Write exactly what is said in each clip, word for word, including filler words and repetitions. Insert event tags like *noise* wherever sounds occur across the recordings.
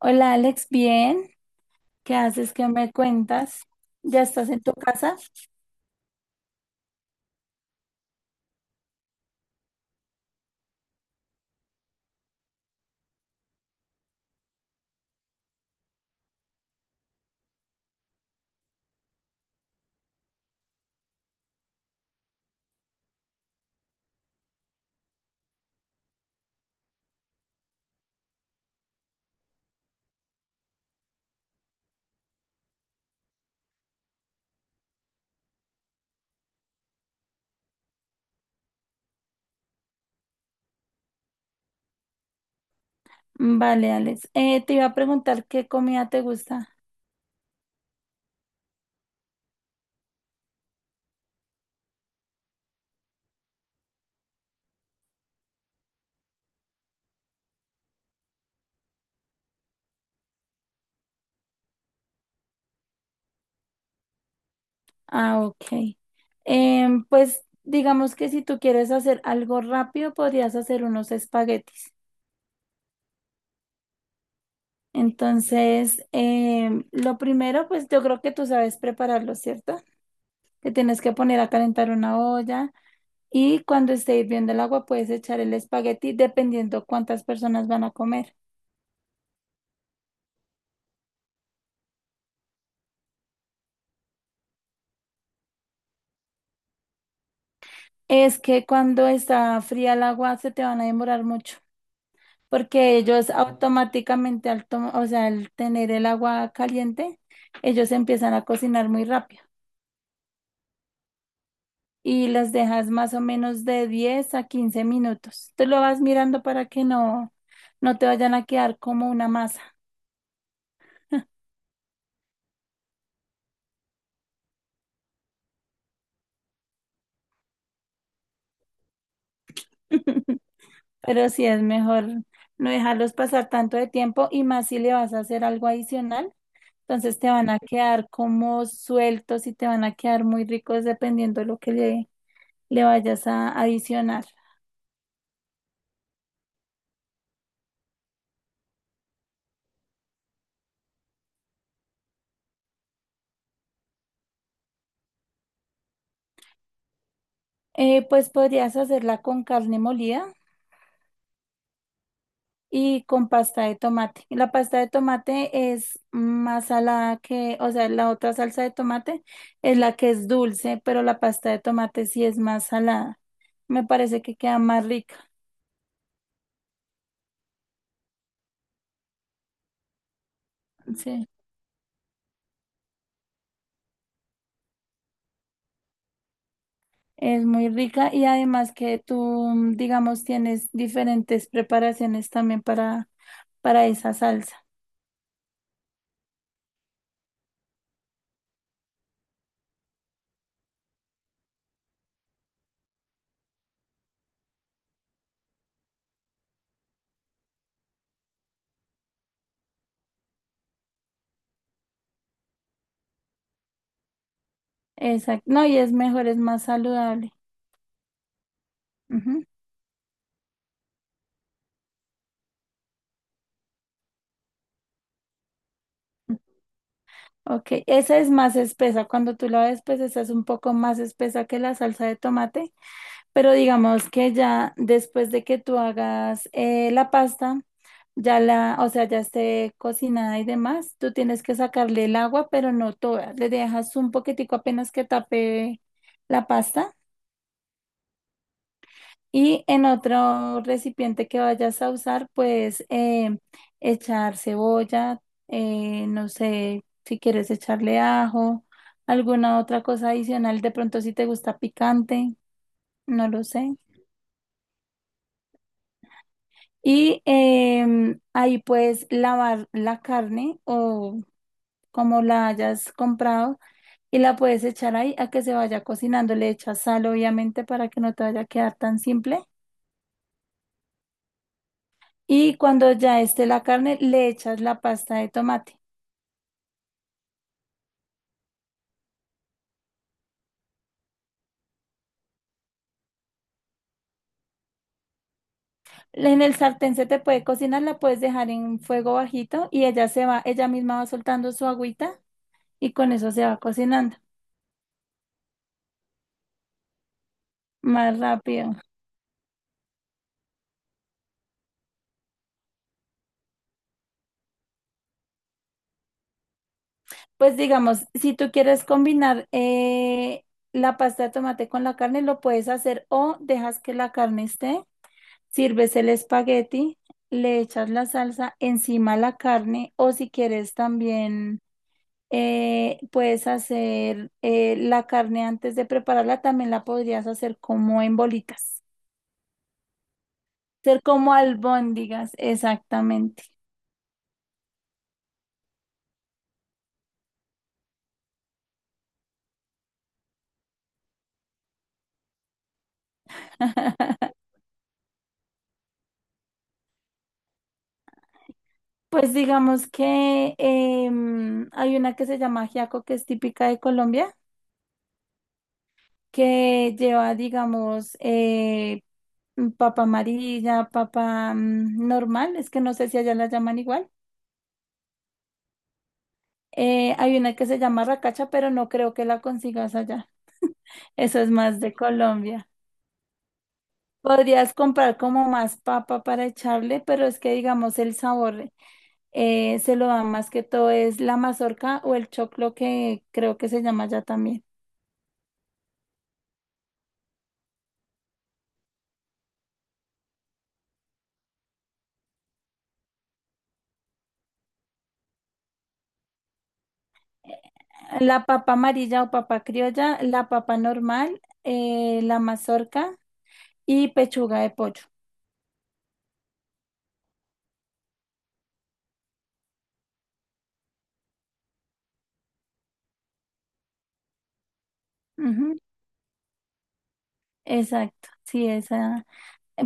Hola Alex, bien. ¿Qué haces? ¿Qué me cuentas? ¿Ya estás en tu casa? Vale, Alex. Eh, te iba a preguntar qué comida te gusta. Ah, ok. Em, pues digamos que si tú quieres hacer algo rápido, podrías hacer unos espaguetis. Entonces, em, lo primero, pues yo creo que tú sabes prepararlo, ¿cierto? Te tienes que poner a calentar una olla y cuando esté hirviendo el agua puedes echar el espagueti dependiendo cuántas personas van a comer. Es que cuando está fría el agua se te van a demorar mucho, porque ellos automáticamente, al tom- o sea, al tener el agua caliente, ellos empiezan a cocinar muy rápido y las dejas más o menos de diez a quince minutos. Tú lo vas mirando para que no, no te vayan a quedar como una masa. *laughs* Pero sí es mejor no dejarlos pasar tanto de tiempo y más si le vas a hacer algo adicional. Entonces te van a quedar como sueltos y te van a quedar muy ricos dependiendo de lo que le, le vayas a adicionar. Eh, pues podrías hacerla con carne molida y con pasta de tomate. Y la pasta de tomate es más salada que, o sea, la otra salsa de tomate es la que es dulce, pero la pasta de tomate sí es más salada. Me parece que queda más rica. Sí. Es muy rica y además que tú, digamos, tienes diferentes preparaciones también para para esa salsa. Exacto. No, y es mejor, es más saludable. Ujú. Ok, esa es más espesa. Cuando tú la ves, pues esa es un poco más espesa que la salsa de tomate, pero digamos que ya después de que tú hagas eh, la pasta, ya la, o sea, ya esté cocinada y demás, tú tienes que sacarle el agua, pero no toda. Le dejas un poquitico apenas que tape la pasta. Y en otro recipiente que vayas a usar, pues eh, echar cebolla, eh, no sé si quieres echarle ajo, alguna otra cosa adicional, de pronto si te gusta picante, no lo sé. Y em, ahí puedes lavar la carne o como la hayas comprado y la puedes echar ahí a que se vaya cocinando. Le echas sal, obviamente, para que no te vaya a quedar tan simple. Y cuando ya esté la carne, le echas la pasta de tomate. En el sartén se te puede cocinar, la puedes dejar en fuego bajito y ella se va, ella misma va soltando su agüita y con eso se va cocinando más rápido. Pues digamos, si tú quieres combinar eh, la pasta de tomate con la carne, lo puedes hacer o dejas que la carne esté, sirves el espagueti, le echas la salsa encima a la carne o si quieres también eh, puedes hacer eh, la carne antes de prepararla, también la podrías hacer como en bolitas. Ser como albóndigas, exactamente. *laughs* Pues digamos que em, hay una que se llama ajiaco, que es típica de Colombia, que lleva, digamos, eh, mm, papa amarilla, papa mm, normal, es que no sé si allá la llaman igual. Eh, hay una que se llama racacha, pero no creo que la consigas allá. Eso es más de Colombia. Podrías comprar como más papa para echarle, pero es que digamos el sabor. Eh, se lo dan más que todo es la mazorca o el choclo que creo que se llama ya también. Eh, La papa amarilla o papa criolla, la papa normal, eh, la mazorca y pechuga de pollo. Ujú. Exacto, sí, esa.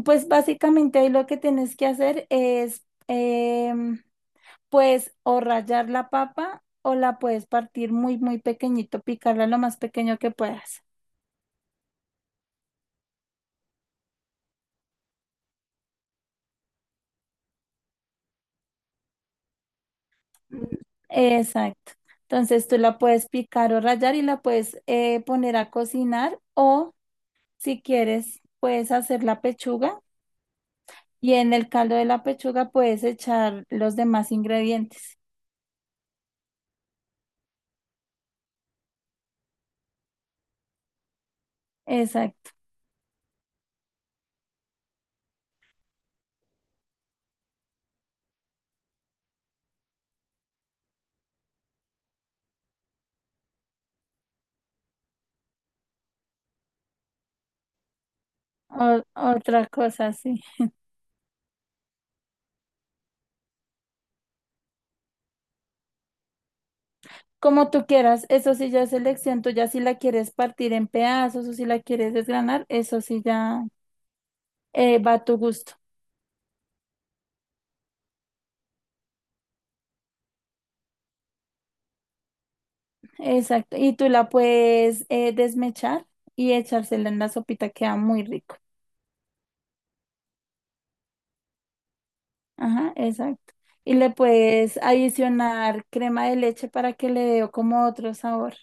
Pues básicamente ahí lo que tienes que hacer es, em, pues, o rallar la papa o la puedes partir muy, muy pequeñito, picarla lo más pequeño que puedas. Mm. Exacto. Entonces tú la puedes picar o rallar y la puedes eh, poner a cocinar o si quieres puedes hacer la pechuga y en el caldo de la pechuga puedes echar los demás ingredientes. Exacto. O- otra cosa, sí. Como tú quieras, eso sí ya es elección tuya, si la quieres partir en pedazos o si la quieres desgranar, eso sí ya eh, va a tu gusto. Exacto. Y tú la puedes eh, desmechar y echársela en la sopita, queda muy rico. Ajá, exacto. Y le puedes adicionar crema de leche para que le dé como otro sabor.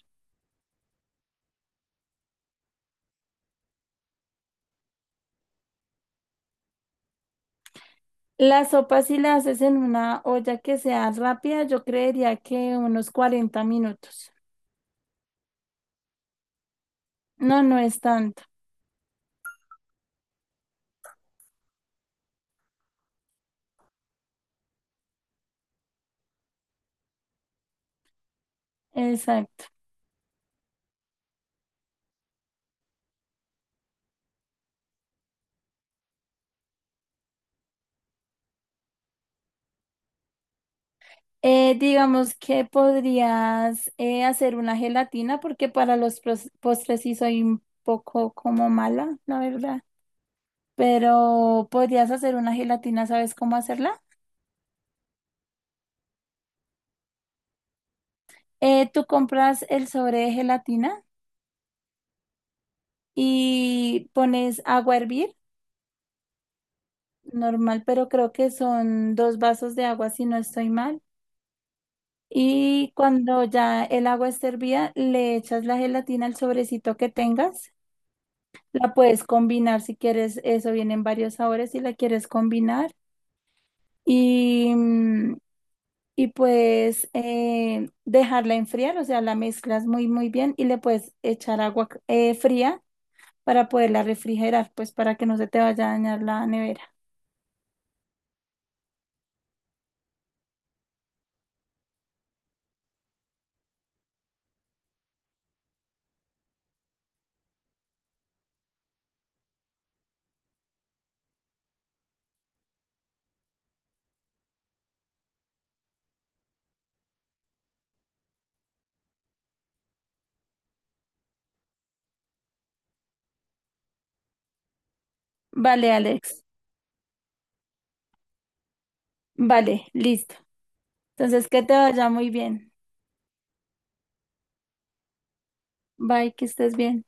La sopa, si la haces en una olla que sea rápida, yo creería que unos cuarenta minutos. No, no es tanto. Exacto. Eh, digamos que podrías eh, hacer una gelatina porque para los pros- postres sí soy un poco como mala, la verdad. Pero podrías hacer una gelatina, ¿sabes cómo hacerla? Eh, tú compras el sobre de gelatina y pones agua a hervir, normal, pero creo que son dos vasos de agua si no estoy mal. Y cuando ya el agua esté hervida, le echas la gelatina al sobrecito que tengas. La puedes combinar si quieres, eso viene en varios sabores si la quieres combinar. Y, mm, y puedes eh, dejarla enfriar, o sea, la mezclas muy, muy bien y le puedes echar agua eh, fría para poderla refrigerar, pues para que no se te vaya a dañar la nevera. Vale, Alex. Vale, listo. Entonces, que te vaya muy bien. Bye, que estés bien.